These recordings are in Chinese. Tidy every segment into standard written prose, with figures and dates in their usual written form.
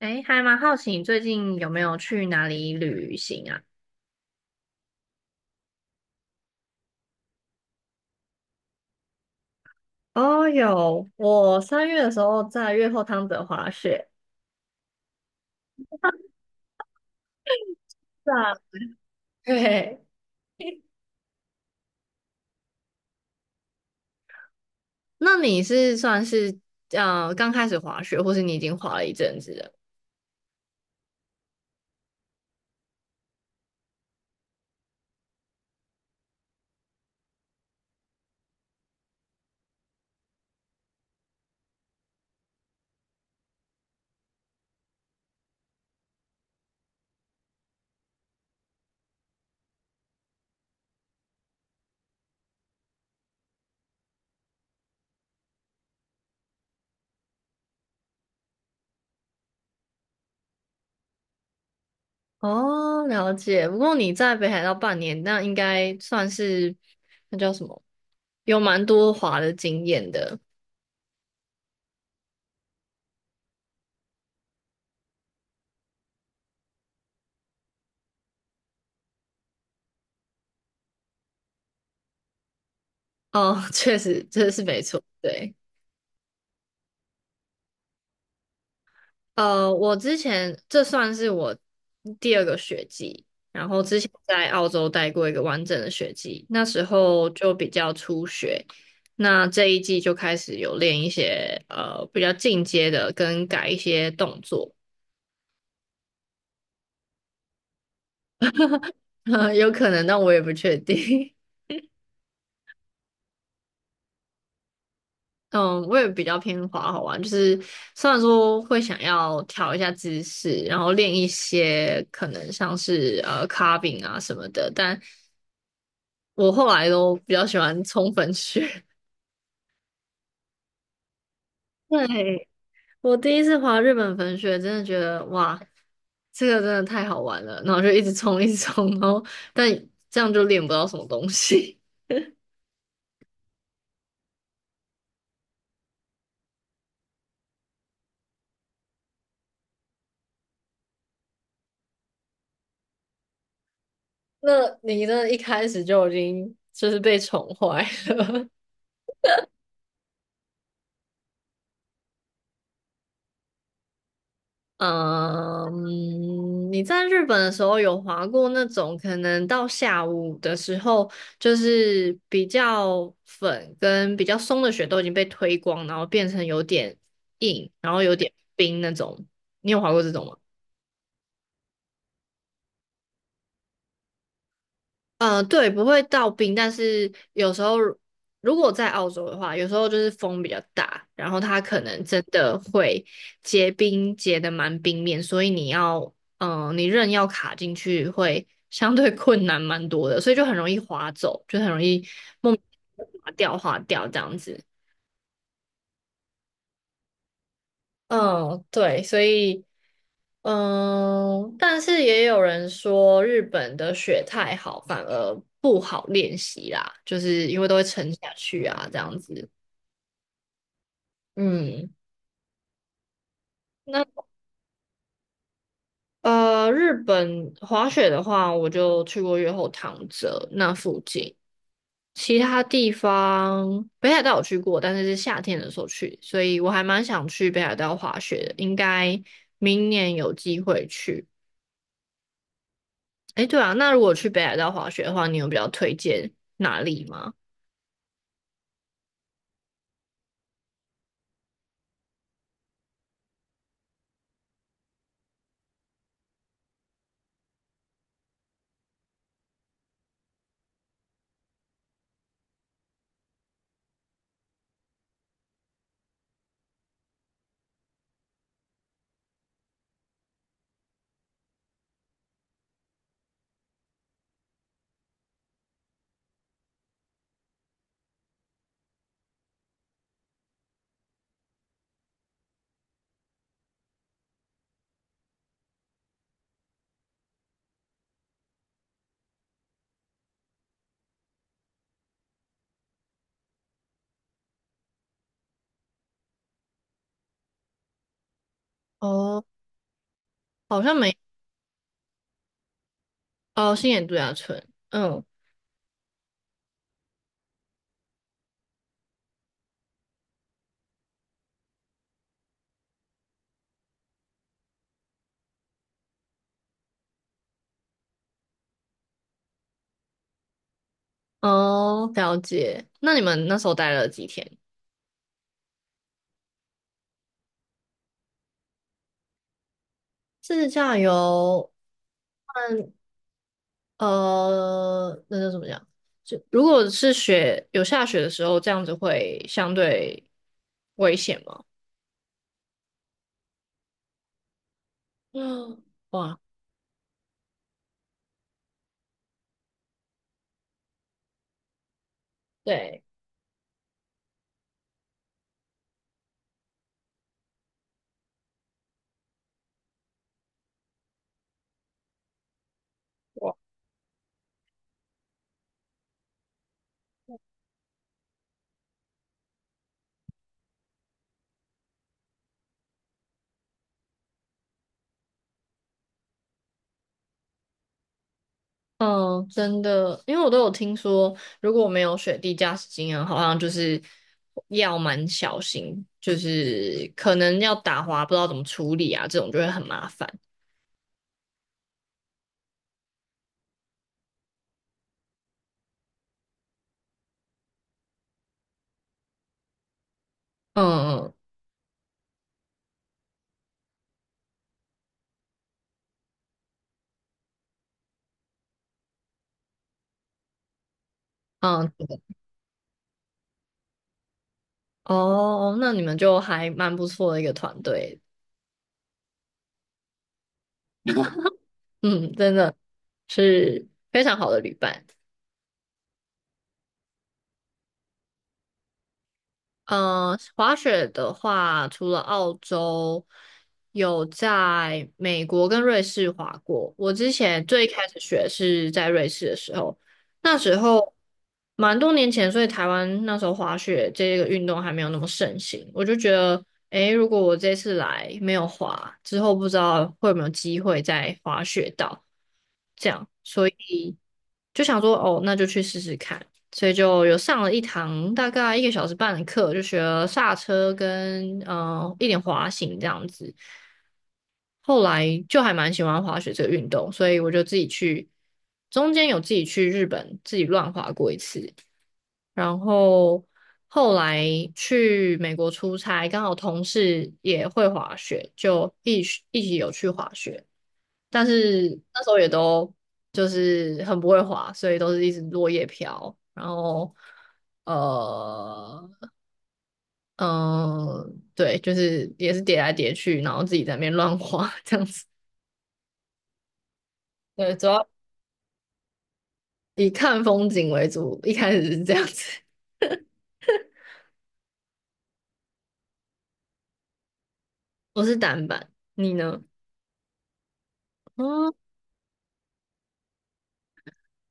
哎，还蛮好奇你最近有没有去哪里旅行啊？哦，有，我三月的时候在越后汤泽滑雪。是啊，对，那你是算是刚开始滑雪，或是你已经滑了一阵子了？哦，了解。不过你在北海道半年，那应该算是那叫什么，有蛮多滑的经验的。哦，确实，这是没错，对。我之前这算是我第二个学季，然后之前在澳洲待过一个完整的学季，那时候就比较初学，那这一季就开始有练一些比较进阶的，跟改一些动作，有可能，但我也不确定。嗯，我也比较偏滑好玩，就是虽然说会想要调一下姿势，然后练一些可能像是carving 啊什么的，但我后来都比较喜欢冲粉雪。对，我第一次滑日本粉雪，真的觉得哇，这个真的太好玩了，然后就一直冲，一直冲，然后但这样就练不到什么东西。那你的一开始就已经就是被宠坏了。你在日本的时候有滑过那种可能到下午的时候，就是比较粉跟比较松的雪都已经被推光，然后变成有点硬，然后有点冰那种。你有滑过这种吗？嗯，对，不会到冰，但是有时候如果在澳洲的话，有时候就是风比较大，然后它可能真的会结冰，结的蛮冰面，所以你要，嗯，你刃要卡进去会相对 困难蛮多的，所以就很容易滑走，就很容易莫名其妙滑掉这样子。嗯，对，所以，嗯，但是也有人说日本的雪太好，反而不好练习啦，就是因为都会沉下去啊，这样子。嗯，那日本滑雪的话，我就去过越后汤泽那附近，其他地方北海道有去过，但是是夏天的时候去，所以我还蛮想去北海道滑雪的，应该明年有机会去。哎，对啊，那如果去北海道滑雪的话，你有比较推荐哪里吗？哦，好像没，哦，新野度假村，嗯，哦，了解。那你们那时候待了几天？自驾游，嗯，那叫怎么讲？就如果是雪，有下雪的时候，这样子会相对危险吗？嗯，哇，对。哇。嗯，真的，因为我都有听说，如果没有雪地驾驶经验，好像就是要蛮小心，就是可能要打滑，不知道怎么处理啊，这种就会很麻烦。嗯嗯嗯，对哦，那你们就还蛮不错的一个团队，嗯，真的是非常好的旅伴。嗯，滑雪的话，除了澳洲，有在美国跟瑞士滑过。我之前最开始学是在瑞士的时候，那时候蛮多年前，所以台湾那时候滑雪这个运动还没有那么盛行。我就觉得，诶，如果我这次来没有滑，之后不知道会有没有机会再滑雪到，这样。所以。就想说哦，那就去试试看，所以就有上了一堂大概一个小时半的课，就学了刹车跟一点滑行这样子。后来就还蛮喜欢滑雪这个运动，所以我就自己去，中间有自己去日本自己乱滑过一次，然后后来去美国出差，刚好同事也会滑雪，就一起有去滑雪。但是那时候也都就是很不会滑，所以都是一直落叶飘，然后呃嗯，对，就是也是叠来叠去，然后自己在那边乱滑 这样子。对，主要以看风景为主，一开始是这样子。我是单板，你呢？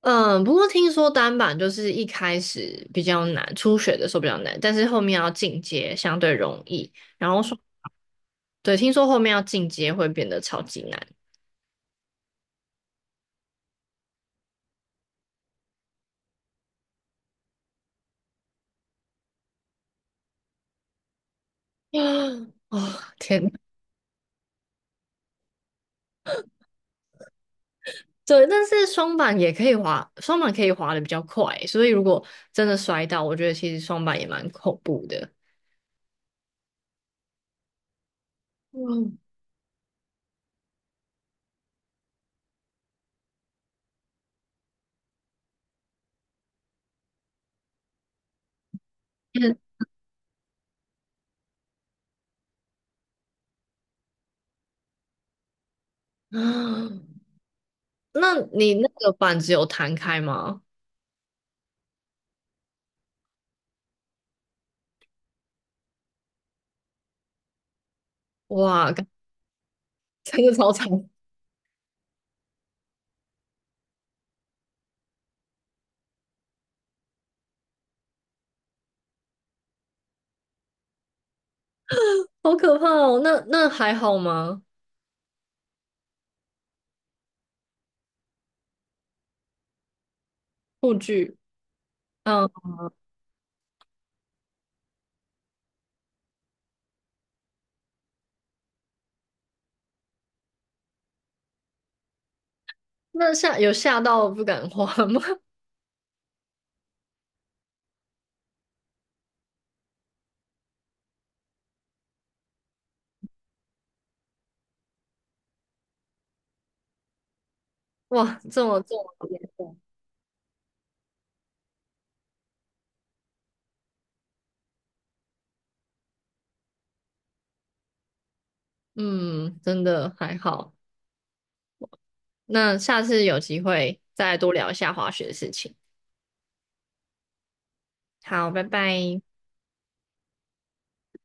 嗯，不过听说单板就是一开始比较难，初学的时候比较难，但是后面要进阶相对容易。然后说，对，听说后面要进阶会变得超级难。哦，天呐，对，但是双板也可以滑，双板可以滑的比较快，所以如果真的摔到，我觉得其实双板也蛮恐怖的。嗯，嗯啊那你那个板子有弹开吗？哇，真的超长，好可怕哦！那那还好吗？护具，嗯，那吓有吓到不敢滑吗？哇，这么这么严重，嗯，真的还好。那下次有机会再多聊一下滑雪的事情。好，拜拜。